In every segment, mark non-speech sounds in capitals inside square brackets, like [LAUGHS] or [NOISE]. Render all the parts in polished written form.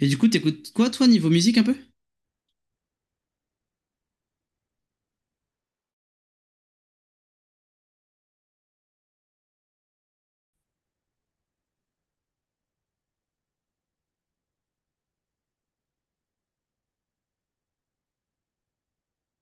Et du coup, t'écoutes quoi, toi, niveau musique un peu?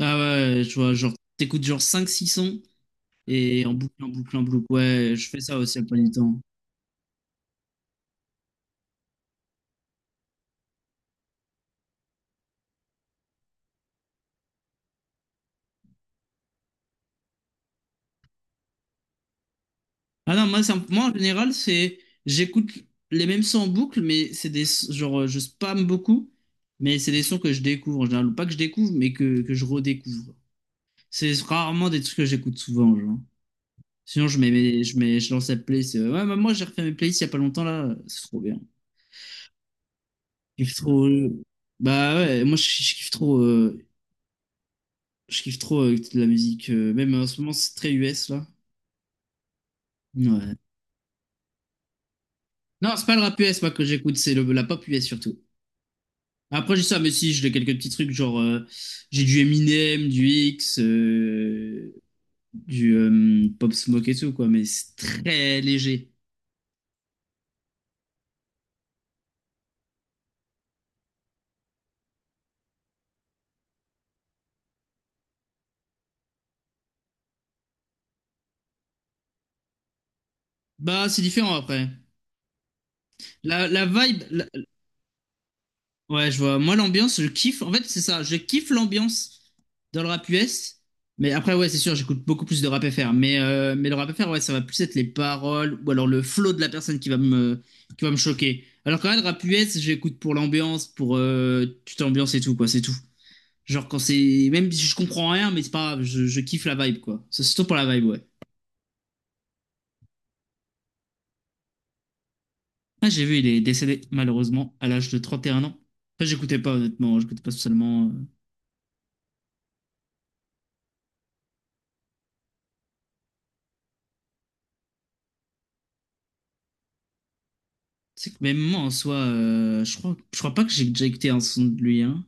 Ah ouais, je vois, genre, t'écoutes genre cinq six sons et en boucle, en boucle, en boucle. Ouais, je fais ça aussi à pas du temps. Ah non, moi, moi en général, c'est j'écoute les mêmes sons en boucle, mais c'est des genre je spam beaucoup, mais c'est des sons que je découvre en général, ou pas que je découvre, mais que je redécouvre. C'est rarement des trucs que j'écoute souvent, genre. Sinon, je mets, mes- je mets, je lance la playlist. Ouais, bah, moi, j'ai refait mes playlists il y a pas longtemps là, c'est trop bien. Je kiffe trop. Bah ouais, moi, je kiffe trop, de la musique. Même en ce moment, c'est très US là. Ouais. Non, c'est pas le rap US, moi, que j'écoute, c'est la pop US surtout. Après, j'ai ça, mais si, j'ai quelques petits trucs, genre, j'ai du Eminem, du X, du Pop Smoke et tout, quoi, mais c'est très léger. Bah, c'est différent après. La, la vibe, la- ouais, je vois. Moi, l'ambiance, je kiffe. En fait, c'est ça, je kiffe l'ambiance dans le rap US, mais après, ouais, c'est sûr, j'écoute beaucoup plus de rap FR, mais le rap FR, ouais, ça va plus être les paroles ou alors le flow de la personne qui va me choquer. Alors, quand même, le rap US, j'écoute pour l'ambiance, pour tu t'ambiances et tout, quoi, c'est tout. Genre quand c'est. Même si je comprends rien, mais c'est pas grave, je kiffe la vibe, quoi. C'est surtout pour la vibe, ouais. Ah, j'ai vu, il est décédé, malheureusement, à l'âge de 31 ans. Enfin, j'écoutais pas, honnêtement, hein, j'écoutais pas spécialement. C'est que même moi, en soi, je crois pas que j'ai déjà écouté un son de lui, hein.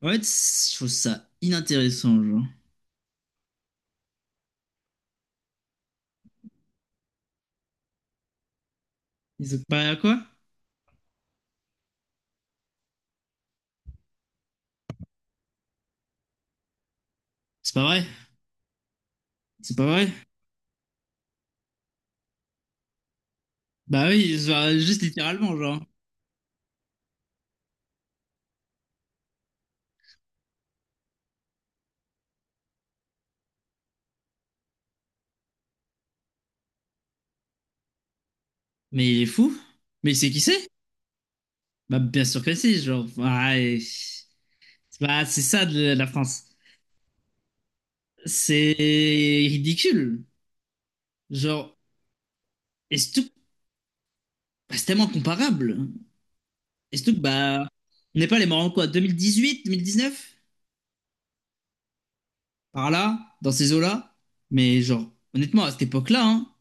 En fait, je trouve ça inintéressant, genre. Ils ont pas quoi? C'est pas vrai. C'est pas vrai. Bah oui, genre, juste littéralement, genre. Mais il est fou. Mais c'est qui c'est? Bah bien sûr que si, genre. Ouais. C'est ça de la France. C'est ridicule. Genre, Estouk, bah, c'est tellement comparable. Estouk, bah, on n'est pas les morts en quoi, 2018, 2019 par là, dans ces eaux-là. Mais genre,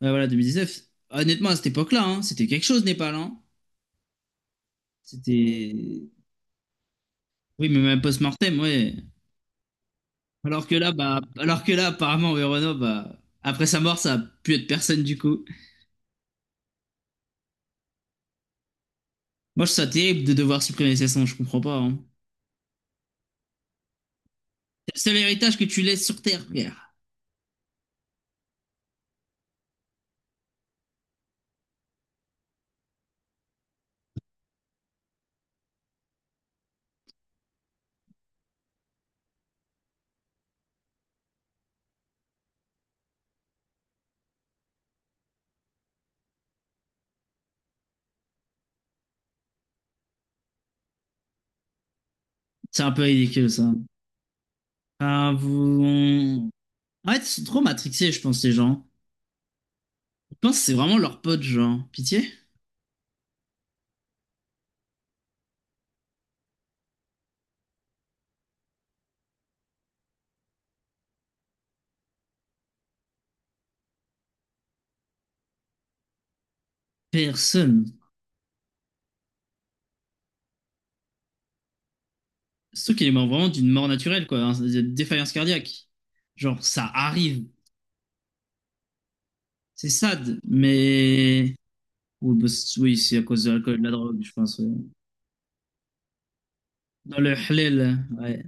ouais, voilà, neuf honnêtement, à cette époque-là, hein, c'était quelque chose, Népal, hein. C'était. Oui, mais même post-mortem, ouais. Alors que là, apparemment, Renault, bah, après sa mort, ça a pu être personne du coup. Moi, je trouve ça terrible de devoir supprimer ses sons, je comprends pas, hein. C'est le seul héritage que tu laisses sur Terre, frère. C'est un peu ridicule, ça. Enfin, vous... ouais fait, ils sont trop matrixés, je pense, les gens. Je pense que c'est vraiment leur pote, genre. Pitié. Personne. Surtout qu'il est mort vraiment d'une mort naturelle, quoi, hein, de défaillance cardiaque. Genre, ça arrive. C'est sad, mais... Oui, bah, oui, c'est à cause de l'alcool et de la drogue, je pense. Ouais. Dans le halal, ouais.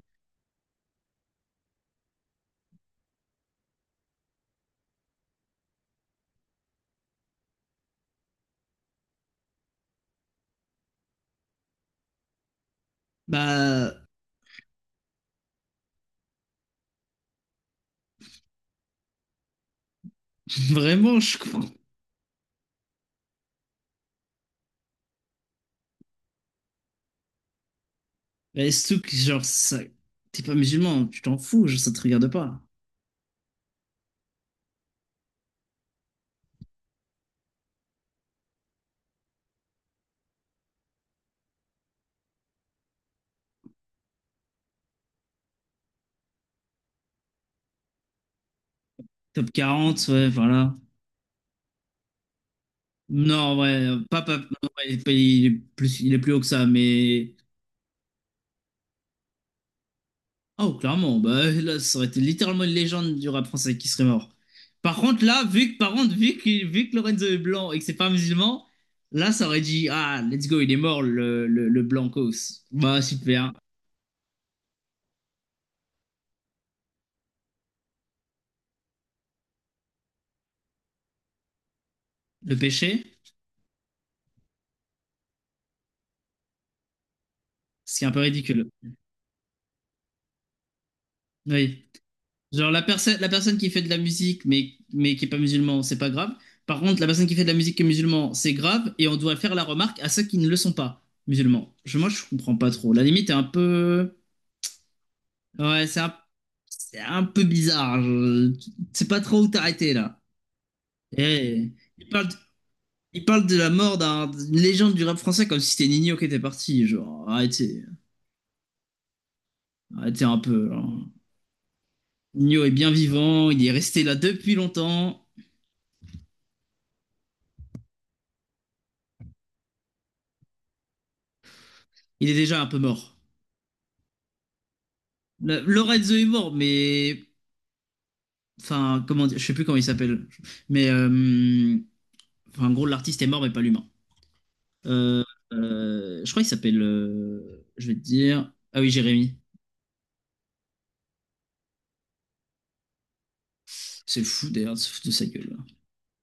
Bah, [LAUGHS] vraiment, je comprends. Mais surtout que, genre, ça... t'es pas musulman, tu t'en fous, genre, ça te regarde pas. Top 40 ouais, voilà. Non, ouais, pas, pas, non, ouais, il est pas- il est plus haut que ça, mais. Oh, clairement, bah là, ça aurait été littéralement une légende du rap français qui serait mort. Par contre, là, vu que Lorenzo est blanc et que c'est pas musulman, là, ça aurait dit, ah, let's go, il est mort, le blancos. Bah, super. Le péché, ce qui est un peu ridicule. Oui. Genre la personne qui fait de la musique mais qui est pas musulman, c'est pas grave. Par contre, la personne qui fait de la musique qui est musulman, c'est grave et on doit faire la remarque à ceux qui ne le sont pas musulmans. Moi, je comprends pas trop. La limite est un peu, ouais, c'est un peu bizarre. Je sais pas trop où t'arrêter là. Et, il parle, de- il parle de la mort d'une légende du rap français comme si c'était Nino qui était parti. Genre, arrêtez, arrêtez un peu, genre. Nino est bien vivant, il est resté là depuis longtemps. Il est déjà un peu mort. Lorenzo est mort, mais enfin, comment dire, je sais plus comment il s'appelle, mais enfin, en gros, l'artiste est mort, mais pas l'humain. Euh, je crois qu'il s'appelle, je vais te dire, ah oui, Jérémy. C'est fou d'ailleurs de se foutre de sa gueule, là.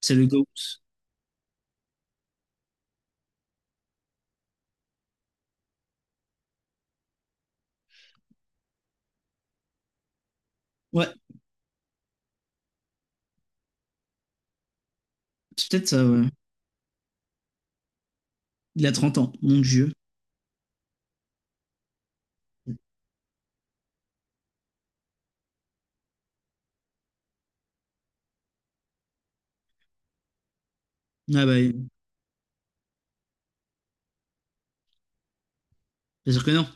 C'est le GOAT. Ouais, c'est peut-être ça. Ouais. Il a 30 ans, mon Dieu. Ah bah, bien sûr que non.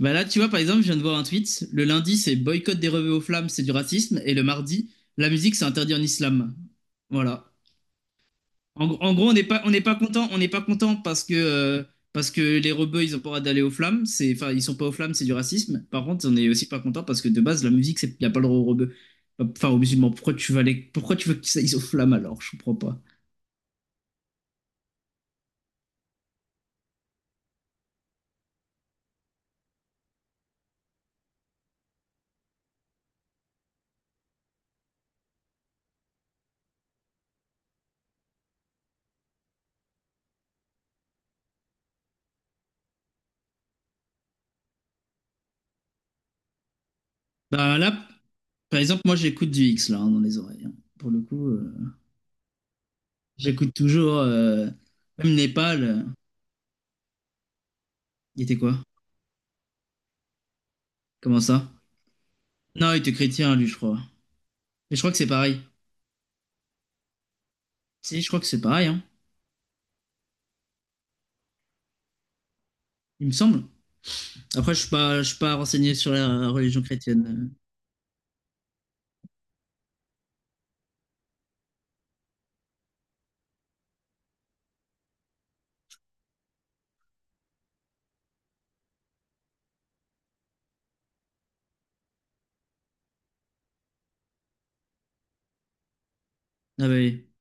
Bah là, tu vois, par exemple, je viens de voir un tweet. Le lundi, c'est boycott des revues aux flammes, c'est du racisme, et le mardi, la musique, c'est interdit en islam. Voilà. En gros, on n'est pas content parce que les rebeux, ils ont pas le droit d'aller aux flammes. C'est, enfin, ils sont pas aux flammes, c'est du racisme. Par contre, on est aussi pas content parce que de base, la musique, c'est, y a pas le droit aux rebeux. Enfin, aux musulmans. Pourquoi pourquoi tu veux qu'ils aillent aux flammes alors? Je comprends pas. Bah là, par exemple, moi, j'écoute du X là, hein, dans les oreilles, hein. Pour le coup, j'écoute toujours, même Népal. Il était quoi? Comment ça? Non, il était chrétien lui, je crois. Et je crois que c'est pareil. Si, je crois que c'est pareil. Hein. Il me semble. Après, je suis pas renseigné sur la religion chrétienne. Ah bah oui,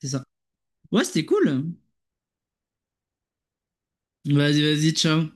c'est ça. Ouais, c'était cool. Vas-y, vas-y, ciao.